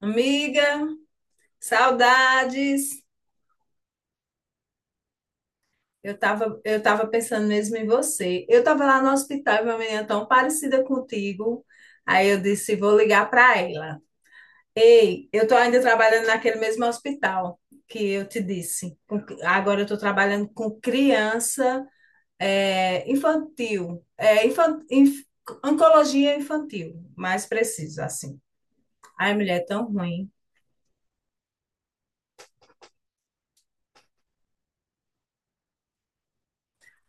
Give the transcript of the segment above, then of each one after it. Amiga, saudades. Eu tava pensando mesmo em você. Eu tava lá no hospital e uma menina tão parecida contigo. Aí eu disse, vou ligar para ela. Ei, eu tô ainda trabalhando naquele mesmo hospital que eu te disse. Agora eu tô trabalhando com criança infantil, oncologia infantil, mais preciso assim. Ai, mulher, é tão ruim.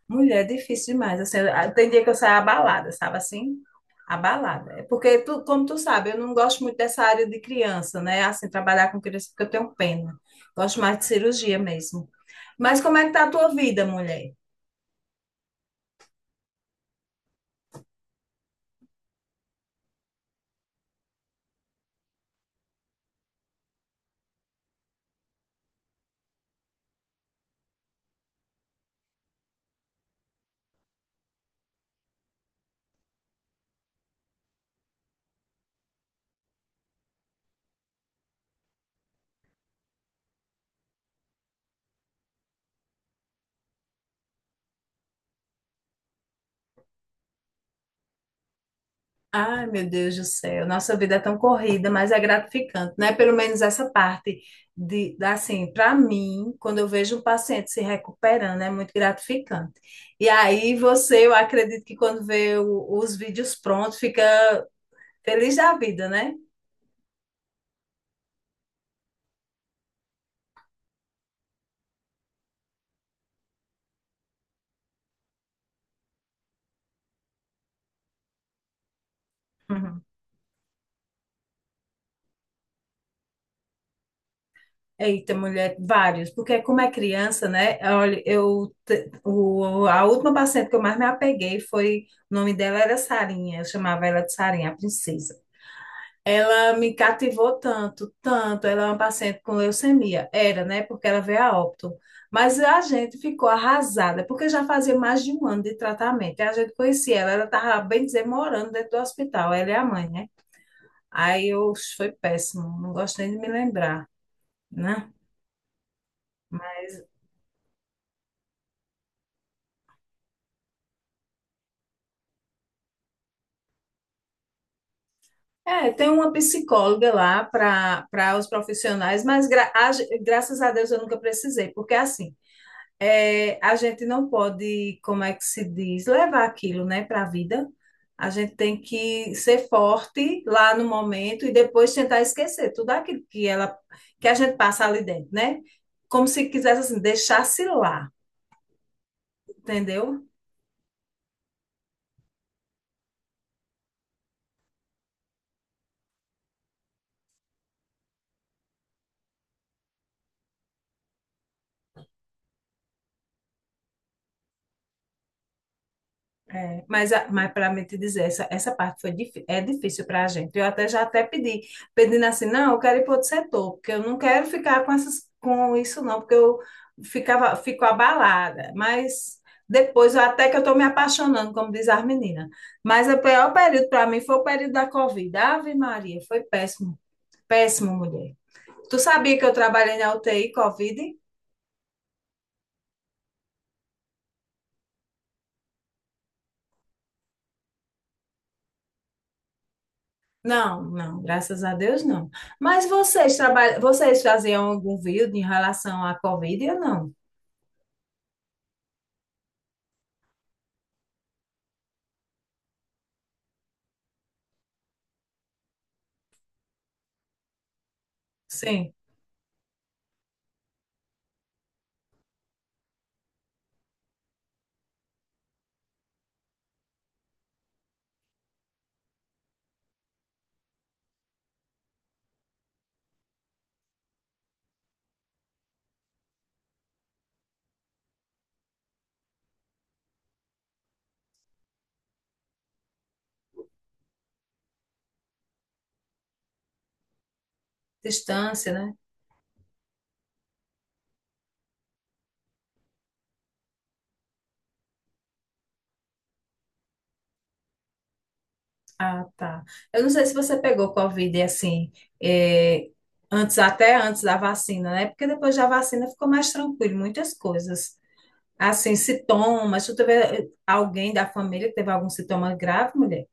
Mulher, é difícil demais. Assim, tem dia que eu saio abalada, sabe assim? Abalada. É. Porque, tu, como tu sabe, eu não gosto muito dessa área de criança, né? Assim, trabalhar com criança, porque eu tenho pena. Gosto mais de cirurgia mesmo. Mas como é que tá a tua vida, mulher? Ai, meu Deus do céu, nossa vida é tão corrida, mas é gratificante, né? Pelo menos essa parte assim, para mim, quando eu vejo um paciente se recuperando, é muito gratificante. E aí você, eu acredito que quando vê os vídeos prontos, fica feliz da vida, né? Uhum. Eita, mulher, vários, porque como é criança, né? Olha, a última paciente que eu mais me apeguei foi, o nome dela era Sarinha, eu chamava ela de Sarinha, a princesa. Ela me cativou tanto, tanto. Ela é uma paciente com leucemia, era, né? Porque ela veio a óbito. Mas a gente ficou arrasada, porque já fazia mais de um ano de tratamento. E a gente conhecia ela, ela estava, bem dizer, morando dentro do hospital, ela é a mãe, né? Aí eu, foi péssimo, não gosto nem de me lembrar, né? Mas é, tem uma psicóloga lá para os profissionais, mas graças a Deus eu nunca precisei, porque assim, é, a gente não pode, como é que se diz, levar aquilo, né, para a vida. A gente tem que ser forte lá no momento e depois tentar esquecer tudo aquilo que a gente passa ali dentro, né? Como se quisesse assim, deixasse lá, entendeu? É, mas, mas para me te dizer, essa parte foi, é difícil para a gente. Eu até já até pedi, pedindo assim, não, eu quero ir para outro setor, porque eu não quero ficar com essas, com isso não, porque eu fico abalada. Mas depois, até que eu estou me apaixonando, como diz as meninas. Mas é o pior período para mim foi o período da Covid. Ave Maria, foi péssimo, péssimo, mulher. Tu sabia que eu trabalhei na UTI Covid? Não, não, graças a Deus não. Mas vocês trabalham, vocês faziam algum vídeo em relação à Covid ou não? Sim, distância, né? Ah, tá. Eu não sei se você pegou Covid assim, eh, antes, até antes da vacina, né? Porque depois da vacina ficou mais tranquilo, muitas coisas. Assim, sintomas, tu teve alguém da família que teve algum sintoma grave, mulher?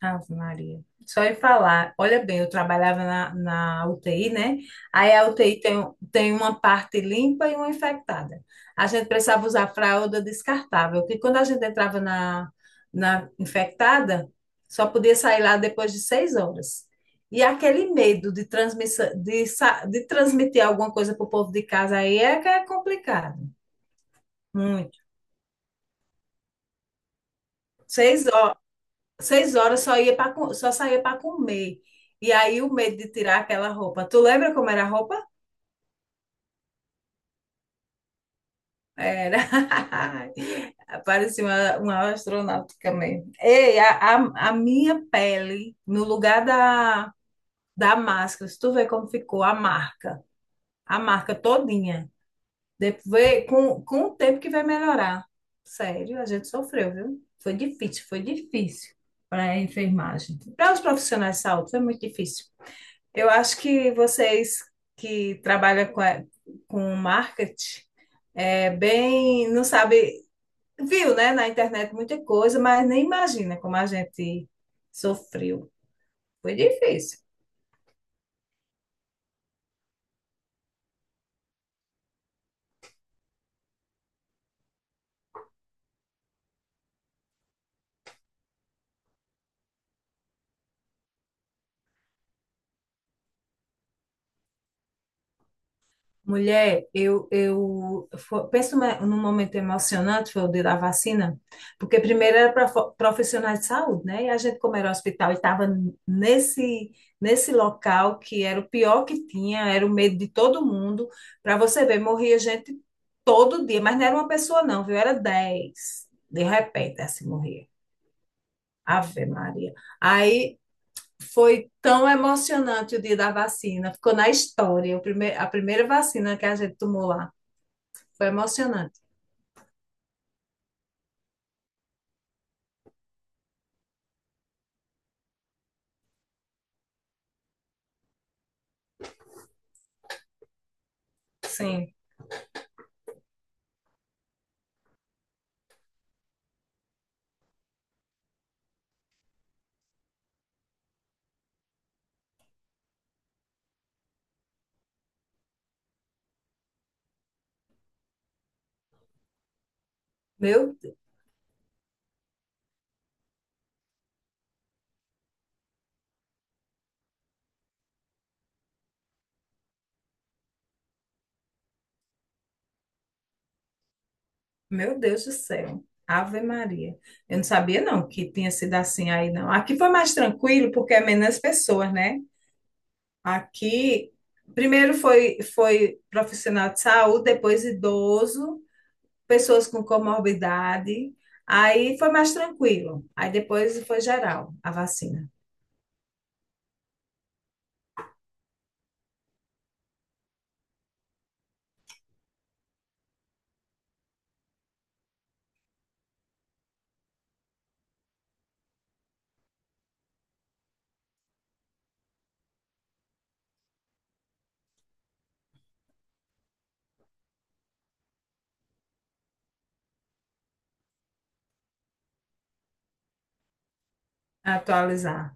Ave Maria. Só em falar, olha bem, eu trabalhava na UTI, né? Aí a UTI tem, tem uma parte limpa e uma infectada. A gente precisava usar fralda descartável, porque quando a gente entrava na infectada, só podia sair lá depois de seis horas. E aquele medo de, transmissão, de, de transmitir alguma coisa para o povo de casa aí é que é complicado. Muito. Seis horas. Só saía para comer. E aí o medo de tirar aquela roupa. Tu lembra como era a roupa? Era. Parecia uma astronauta mesmo. Ei, a minha pele, no lugar da máscara, se tu vê como ficou a marca todinha. De, vê, com o tempo que vai melhorar. Sério, a gente sofreu, viu? Foi difícil para a enfermagem. Para os profissionais de saúde, foi muito difícil. Eu acho que vocês que trabalham com, com marketing é bem, não sabe, viu, né, na internet muita coisa, mas nem imagina como a gente sofreu. Foi difícil. Mulher, eu fo- penso me- num momento emocionante, foi o dia da vacina, porque primeiro era para profissionais de saúde, né? E a gente, como era hospital, estava nesse, nesse local que era o pior que tinha, era o medo de todo mundo. Para você ver, morria gente todo dia, mas não era uma pessoa, não, viu? Era dez, de repente, assim morria. Ave Maria. Aí foi tão emocionante o dia da vacina, ficou na história, a primeira vacina que a gente tomou lá. Foi emocionante. Sim. Meu, meu Deus do céu. Ave Maria. Eu não sabia, não, que tinha sido assim aí, não. Aqui foi mais tranquilo, porque é menos pessoas, né? Aqui, foi profissional de saúde, depois idoso, pessoas com comorbidade. Aí foi mais tranquilo. Aí depois foi geral a vacina, atualizar.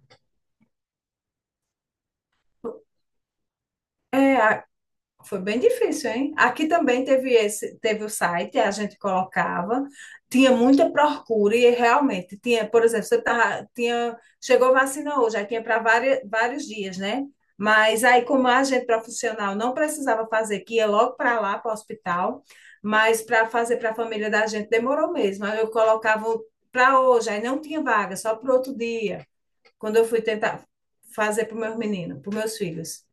É, foi bem difícil, hein? Aqui também teve esse, teve o site, a gente colocava, tinha muita procura e realmente tinha, por exemplo, chegou vacina hoje, aí tinha para vários dias, né? Mas aí, como a gente profissional não precisava fazer, que ia logo para lá, para o hospital, mas para fazer para a família da gente demorou mesmo. Aí eu colocava para hoje, aí não tinha vaga, só para outro dia, quando eu fui tentar fazer para os meus meninos, para os meus filhos.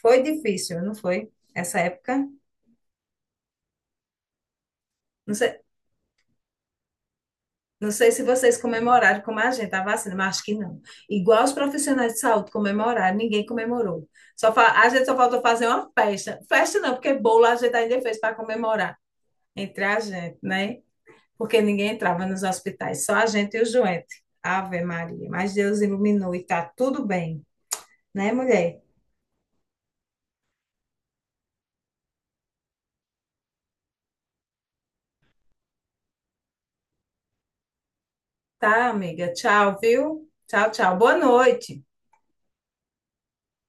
Foi difícil, não foi? Essa época. Não sei, não sei se vocês comemoraram como a gente, a vacina, mas acho que não. Igual os profissionais de saúde comemoraram, ninguém comemorou. A gente só faltou fazer uma festa. Festa não, porque bolo a gente ainda fez para comemorar entre a gente, né? Porque ninguém entrava nos hospitais, só a gente e o doentes. Ave Maria, mas Deus iluminou e tá tudo bem, né, mulher? Tá, amiga. Tchau, viu? Tchau, tchau. Boa noite.